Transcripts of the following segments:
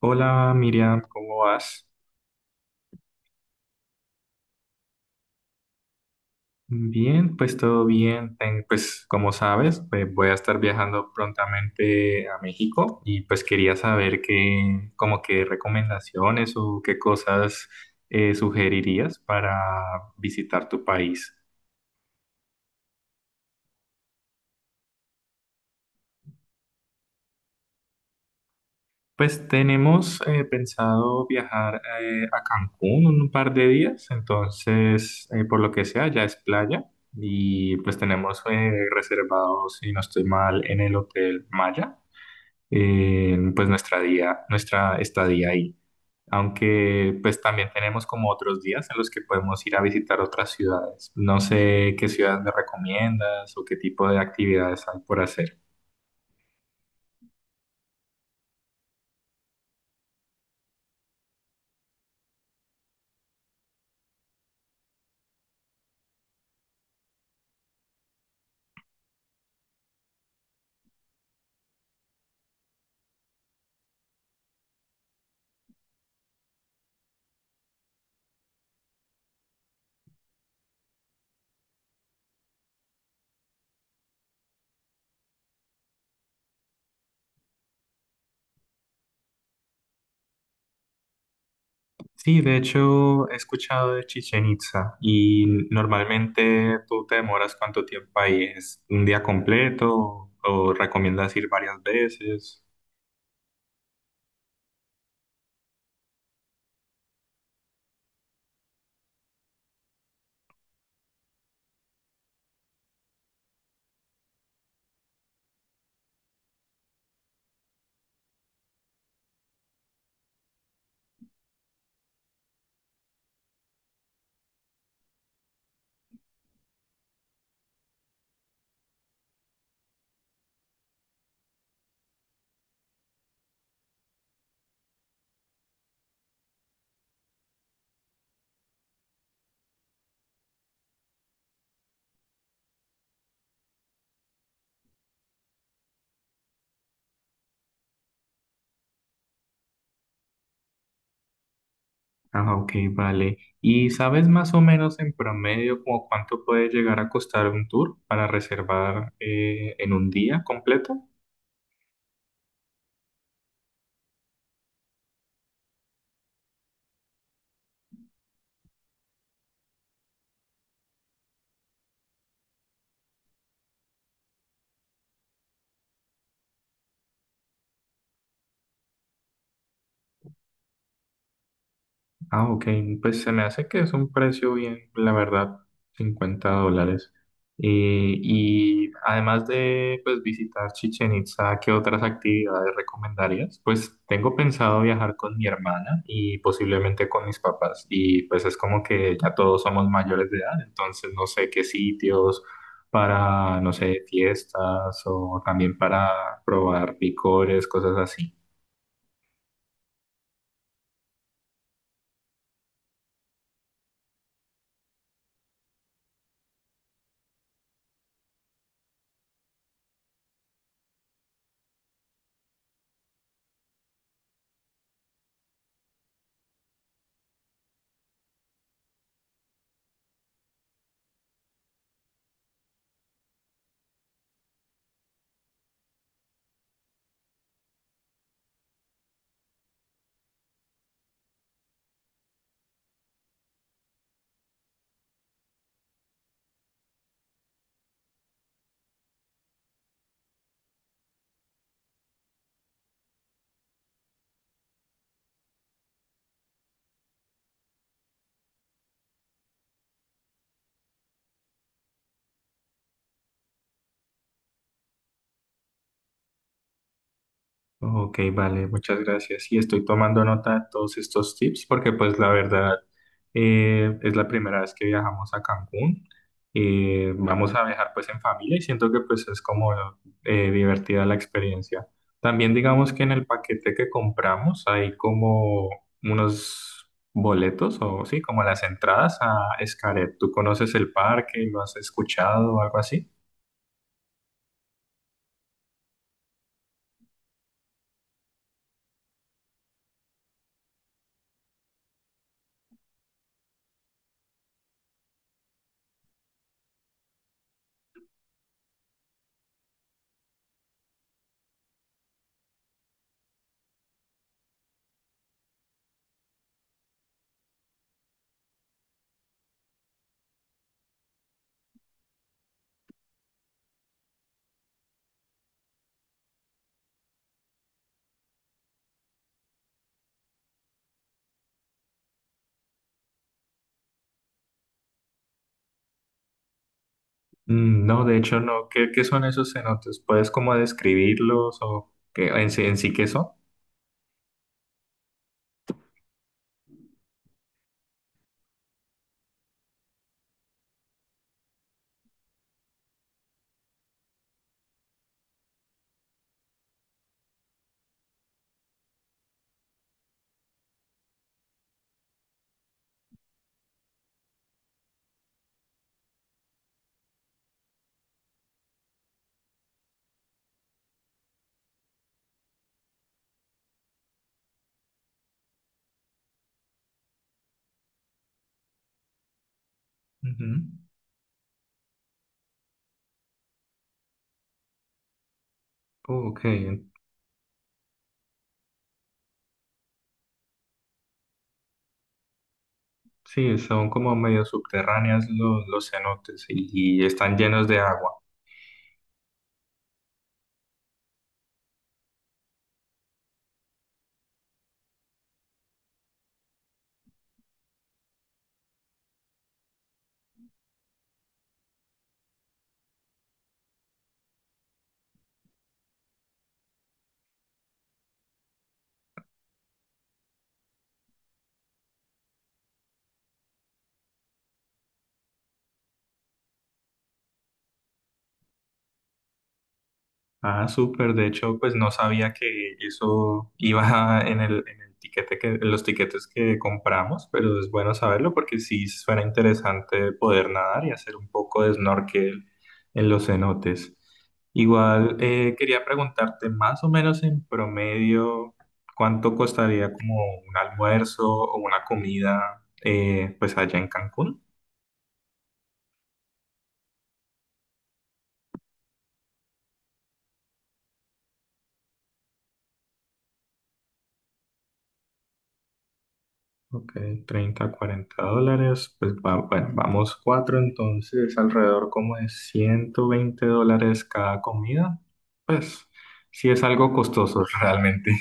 Hola Miriam, ¿cómo vas? Bien, pues todo bien. Pues como sabes, pues, voy a estar viajando prontamente a México y pues quería saber qué, como qué recomendaciones o qué cosas sugerirías para visitar tu país. Pues tenemos pensado viajar a Cancún un par de días, entonces por lo que sea ya es playa y pues tenemos reservado, si no estoy mal, en el Hotel Maya, pues nuestra estadía ahí. Aunque pues también tenemos como otros días en los que podemos ir a visitar otras ciudades. No sé qué ciudades me recomiendas o qué tipo de actividades hay por hacer. Sí, de hecho he escuchado de Chichen Itza y normalmente tú te demoras cuánto tiempo ahí, ¿es un día completo o recomiendas ir varias veces? Ah, ok, vale. ¿Y sabes más o menos en promedio como cuánto puede llegar a costar un tour para reservar en un día completo? Ah, ok, pues se me hace que es un precio bien, la verdad, $50. Y además de pues, visitar Chichen Itza, ¿qué otras actividades recomendarías? Pues tengo pensado viajar con mi hermana y posiblemente con mis papás. Y pues es como que ya todos somos mayores de edad, entonces no sé qué sitios para, no sé, fiestas o también para probar licores, cosas así. Ok, vale, muchas gracias. Y estoy tomando nota de todos estos tips porque pues la verdad es la primera vez que viajamos a Cancún. Vamos a viajar pues en familia y siento que pues es como divertida la experiencia. También digamos que en el paquete que compramos hay como unos boletos o sí, como las entradas a Xcaret. ¿Tú conoces el parque? ¿Lo has escuchado o algo así? Mm, no, de hecho no. ¿Qué, qué son esos cenotes? ¿Puedes como describirlos o qué, en sí qué son? Ujú. Ok, sí, son como medio subterráneas los cenotes y están llenos de agua. Ah, súper. De hecho, pues no sabía que eso iba en en el tiquete que, en los tiquetes que compramos, pero es bueno saberlo porque sí suena interesante poder nadar y hacer un poco de snorkel en los cenotes. Igual quería preguntarte más o menos en promedio cuánto costaría como un almuerzo o una comida pues allá en Cancún. Ok, $30, $40. Pues bueno, vamos cuatro, entonces alrededor como de $120 cada comida. Pues sí es algo costoso realmente.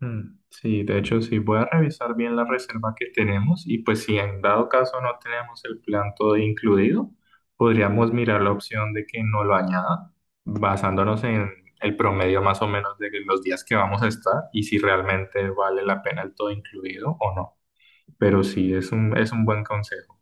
Mm, sí, de hecho sí, voy a revisar bien la reserva que tenemos y pues si en dado caso no tenemos el plan todo incluido, podríamos mirar la opción de que no lo añada, basándonos en el promedio más o menos de los días que vamos a estar y si realmente vale la pena el todo incluido o no. Pero sí, es un buen consejo.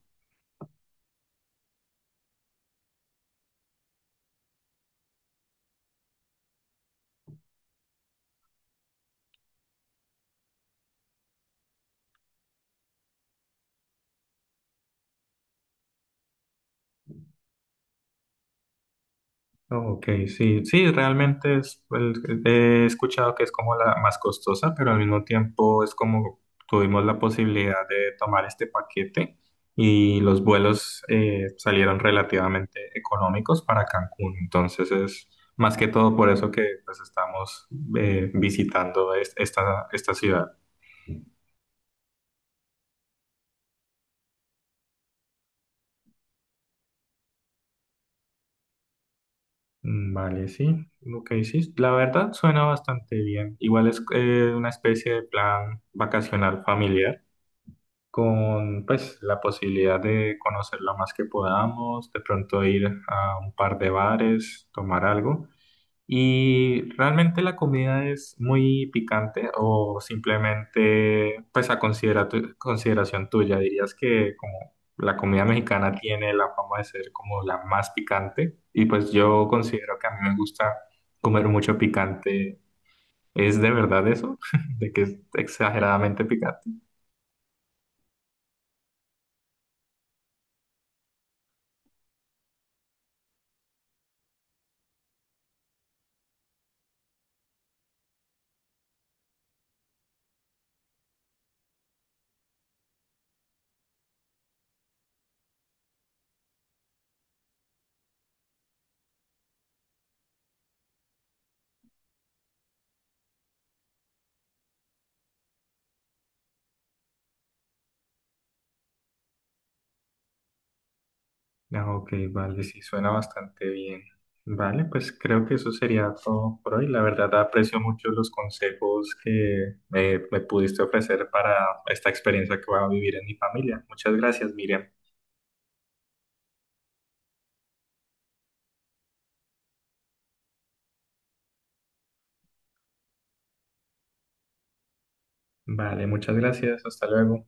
Ok, sí, sí, realmente es, he escuchado que es como la más costosa, pero al mismo tiempo es como tuvimos la posibilidad de tomar este paquete y los vuelos salieron relativamente económicos para Cancún. Entonces es más que todo por eso que pues, estamos visitando esta ciudad. Mm, vale, sí, lo que dices, la verdad suena bastante bien. Igual es una especie de plan vacacional familiar con pues la posibilidad de conocer lo más que podamos, de pronto ir a un par de bares, tomar algo. Y realmente la comida es muy picante o simplemente pues a consideración tuya, dirías que como la comida mexicana tiene la fama de ser como la más picante y pues yo considero que a mí me gusta comer mucho picante. ¿Es de verdad eso? ¿De que es exageradamente picante? Ah, ok, vale, sí, suena bastante bien. Vale, pues creo que eso sería todo por hoy. La verdad, aprecio mucho los consejos que me pudiste ofrecer para esta experiencia que voy a vivir en mi familia. Muchas gracias, Miriam. Vale, muchas gracias. Hasta luego.